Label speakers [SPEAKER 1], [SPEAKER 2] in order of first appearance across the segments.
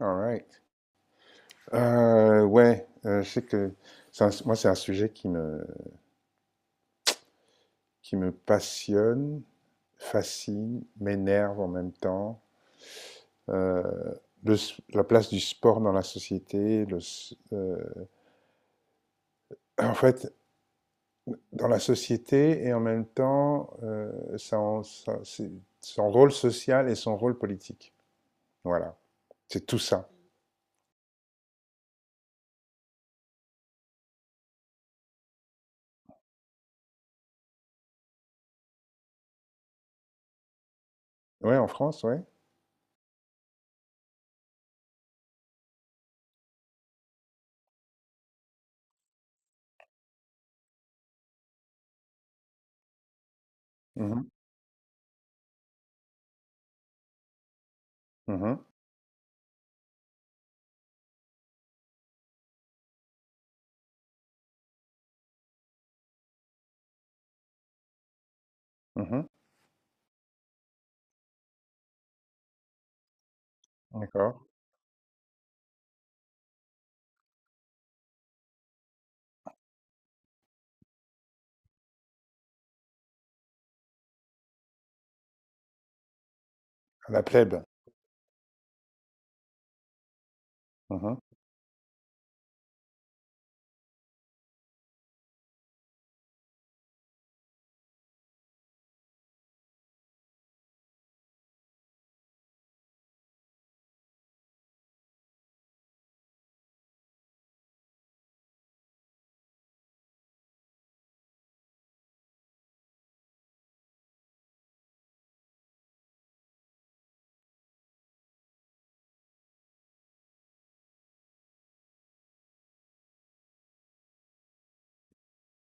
[SPEAKER 1] All right. Ouais, je sais que moi, c'est un sujet qui me passionne, fascine, m'énerve en même temps. Euh, la place du sport dans la société, en fait, dans la société et en même temps, son rôle social et son rôle politique. Voilà, c'est tout ça. Ouais, en France, ouais. Mhm, mhm, mhm. D'accord. À la plèbe. Mhm,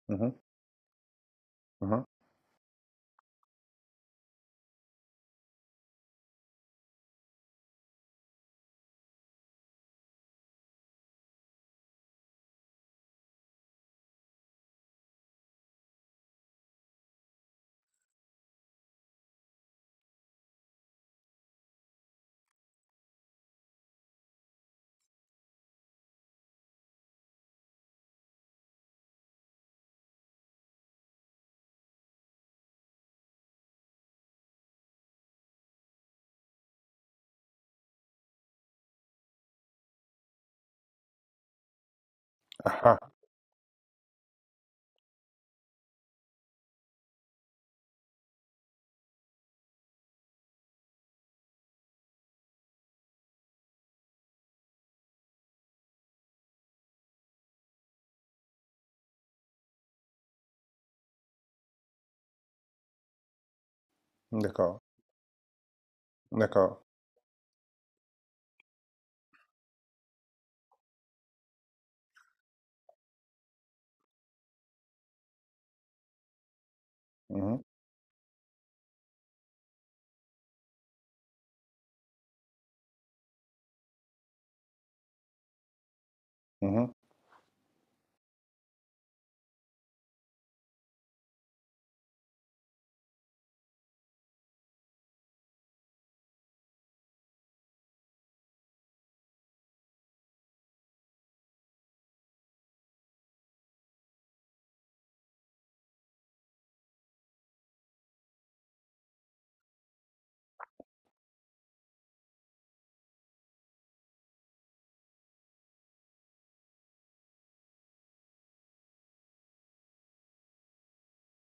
[SPEAKER 1] mhm, mhm. Ah, ah, d'accord. D'accord. Mmh mh. Mmh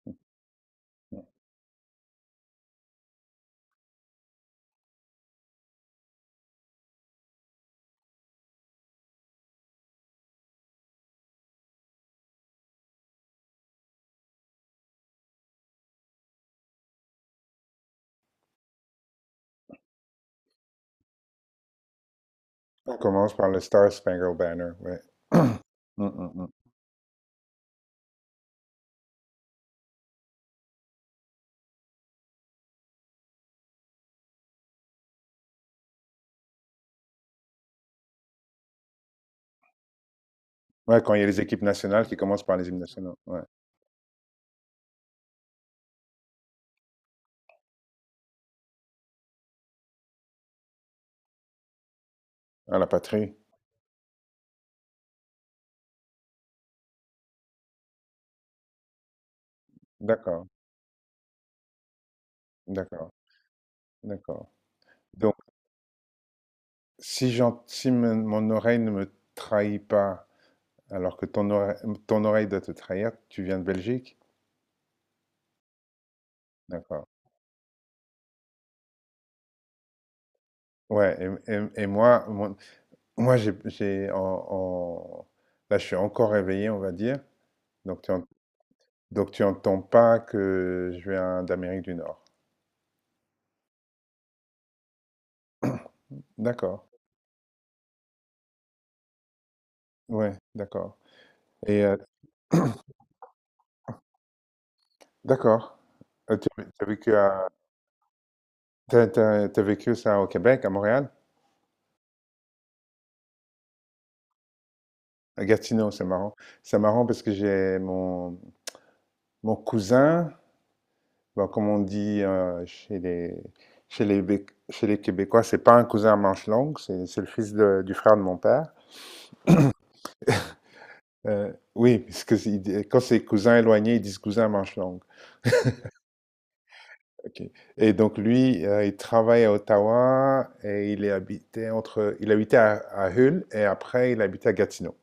[SPEAKER 1] Mmh. Mmh. On commence par le Star Spangled Banner, ouais. Mmh, mmh, mmh. Ouais, quand il y a les équipes nationales qui commencent par les hymnes nationaux, ouais. À la patrie? D'accord, d'accord, d'accord. Donc, si j'en si me mon oreille ne me trahit pas, alors que ton oreille doit te trahir, tu viens de Belgique? D'accord. Ouais, et moi, j'ai en là, je suis encore réveillé, on va dire. Donc tu en- donc tu entends pas que je viens d'Amérique du Nord. D'accord. Ouais, d'accord. Et heu, d'accord. Heu, tu as vécu à tu as tu vécu ça au Québec, à Montréal? À Gatineau, c'est marrant. C'est marrant parce que j'ai mon cousin, bon, comme on dit, chez les Québécois, c'est pas un cousin à manche longues, c'est le fils de du frère de mon père. Oui, parce que quand c'est cousin éloigné, ils disent cousin manche longue. Ok. Et donc lui, il travaille à Ottawa et il est habité entre, il habitait à Hull et après il habitait à Gatineau.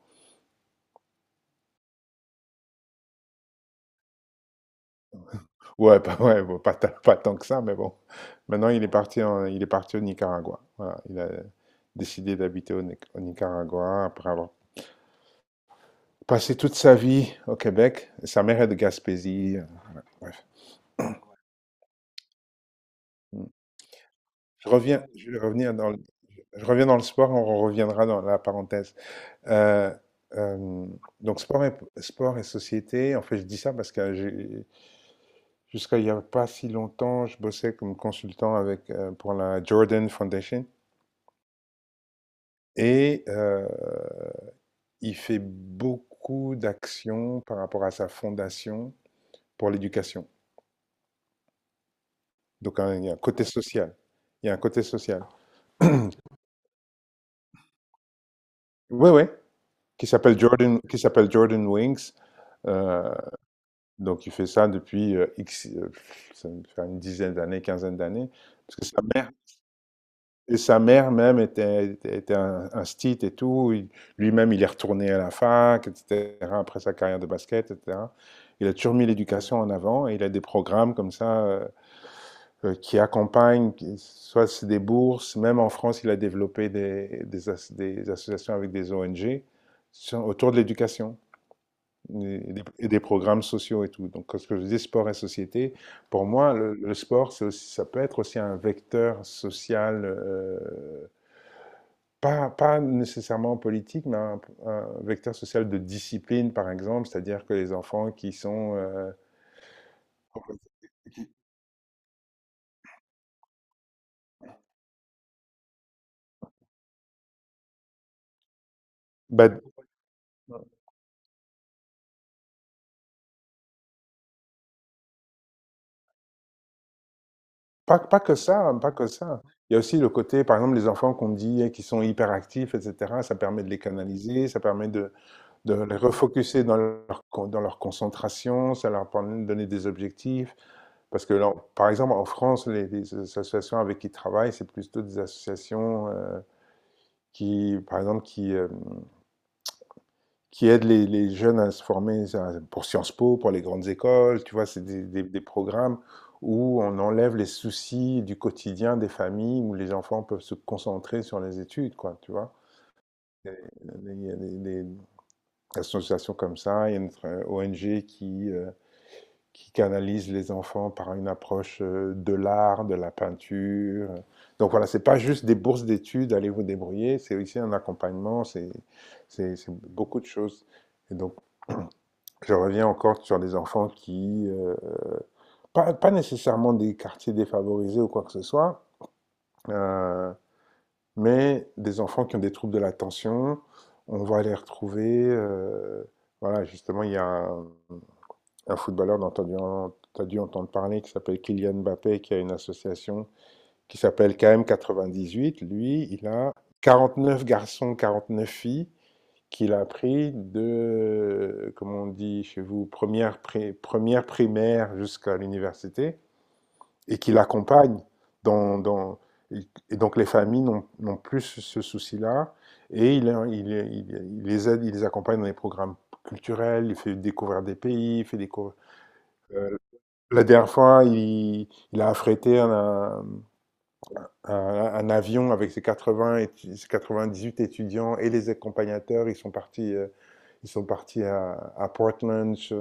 [SPEAKER 1] Ouais, pas, ouais, bon, pas, tant que ça, mais bon. Maintenant, il est parti au Nicaragua. Voilà, il a décidé d'habiter au, Ni- au Nicaragua après avoir passé toute sa vie au Québec. Sa mère est de Gaspésie. Bref. Mm. Je reviens, je vais revenir dans le, je reviens dans le sport. On reviendra dans la parenthèse. Euh, euh, donc sport et société, en fait je dis ça parce que jusqu'à il n'y a pas si longtemps, je bossais comme consultant pour la Jordan Foundation et il fait beaucoup d'actions par rapport à sa fondation pour l'éducation. Donc hein, il y a un côté social. Il y a un côté social. Oui, oui, qui s'appelle Jordan Wings. Euh, donc il fait ça depuis X, ça doit faire une dizaine d'années, quinzaine d'années, parce que sa mère, et sa mère même était un stit et tout. Lui-même, il est retourné à la fac, etc., après sa carrière de basket, etc. Il a toujours mis l'éducation en avant et il a des programmes comme ça qui accompagnent, soit c'est des bourses, même en France, il a développé des associations avec des ONG autour de l'éducation et des programmes sociaux et tout. Donc, ce que je dis, sport et société, pour moi, le sport, ça peut être aussi un vecteur social. Pas, nécessairement politique, mais un vecteur social de discipline, par exemple, c'est-à-dire que les enfants qui sont... bah, pas, pas que ça, hein, pas que ça. Il y a aussi le côté, par exemple, les enfants qu'on dit qui sont hyperactifs, etc., ça permet de les canaliser, ça permet de les refocuser dans dans leur concentration, ça leur permet de donner des objectifs. Parce que, là, par exemple, en France, les associations avec qui ils travaillent, c'est plutôt des associations... qui, par exemple, qui aident les jeunes à se former ça, pour Sciences Po, pour les grandes écoles. Tu vois, c'est des programmes où on enlève les soucis du quotidien des familles, où les enfants peuvent se concentrer sur les études, quoi, tu vois. Il y a des associations comme ça, il y a notre ONG qui canalise les enfants par une approche de l'art, de la peinture. Donc voilà, c'est pas juste des bourses d'études, allez vous débrouiller, c'est aussi un accompagnement, c'est beaucoup de choses. Et donc, je reviens encore sur des enfants qui, pas nécessairement des quartiers défavorisés ou quoi que ce soit, euh, mais des enfants qui ont des troubles de l'attention, on va les retrouver. Voilà, justement, il y a un footballeur dont tu as dû entendre parler qui s'appelle Kylian Mbappé, qui a une association qui s'appelle KM98. Lui, il a 49 garçons, 49 filles qu'il a appris de, comme on dit chez vous, première primaire jusqu'à l'université, et qu'il accompagne. Dans, dans- et donc les familles n'ont plus ce souci-là, et il- il- il les aide, il les accompagne dans les programmes culturels, il fait découvrir des pays, il fait découvrir. Euh, la dernière fois, il a affrété un avion avec ses huit étudiants et les accompagnateurs, ils sont partis à Portland,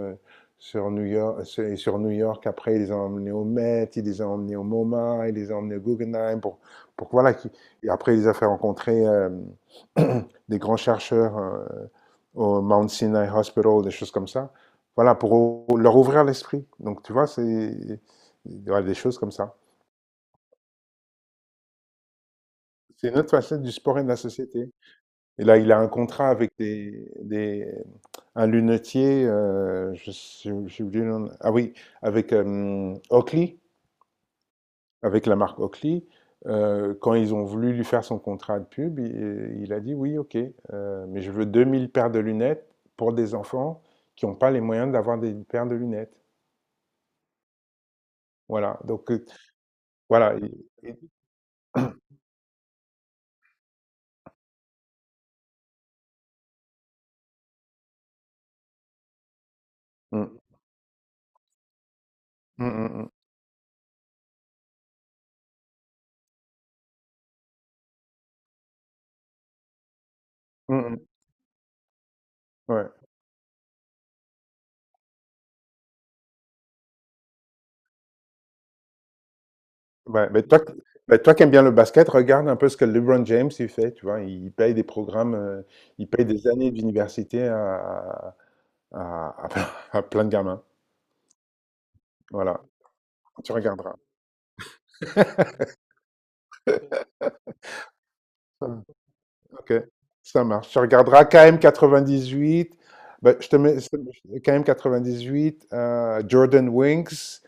[SPEAKER 1] sur New York, sur New York. Après, ils les ont emmenés au Met, ils les ont emmenés au MoMA, ils les ont emmenés au Guggenheim. Voilà, et après, ils les ont fait rencontrer des grands chercheurs au Mount Sinai Hospital, des choses comme ça. Voilà, pour leur ouvrir l'esprit. Donc, tu vois, c'est voilà, des choses comme ça. C'est une autre facette du sport et de la société. Et là, il a un contrat avec un lunetier, j'ai oublié le nom. Ah oui, avec Oakley, avec la marque Oakley. Quand ils ont voulu lui faire son contrat de pub, il a dit oui, ok, mais je veux 2 000 paires de lunettes pour des enfants qui n'ont pas les moyens d'avoir des paires de lunettes. Voilà, voilà. Mm, mm, mm, mm, mm, mm, ouais. Ouais, mais toi, ben, toi qui aimes bien le basket, regarde un peu ce que LeBron James il fait, tu vois, il paye des programmes, il paye des années d'université à- à- à plein de gamins. Voilà, tu regarderas. Ça va. Ok, ça marche. Tu regarderas KM98, ben, je te mets KM98, Jordan Winks,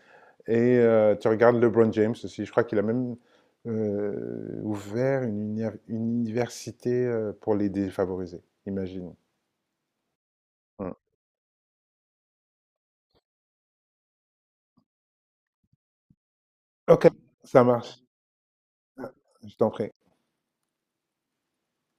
[SPEAKER 1] et tu regardes LeBron James aussi. Je crois qu'il a même ouvert une université pour les défavorisés, imagine. Hum. OK, ça marche. Je t'en prie.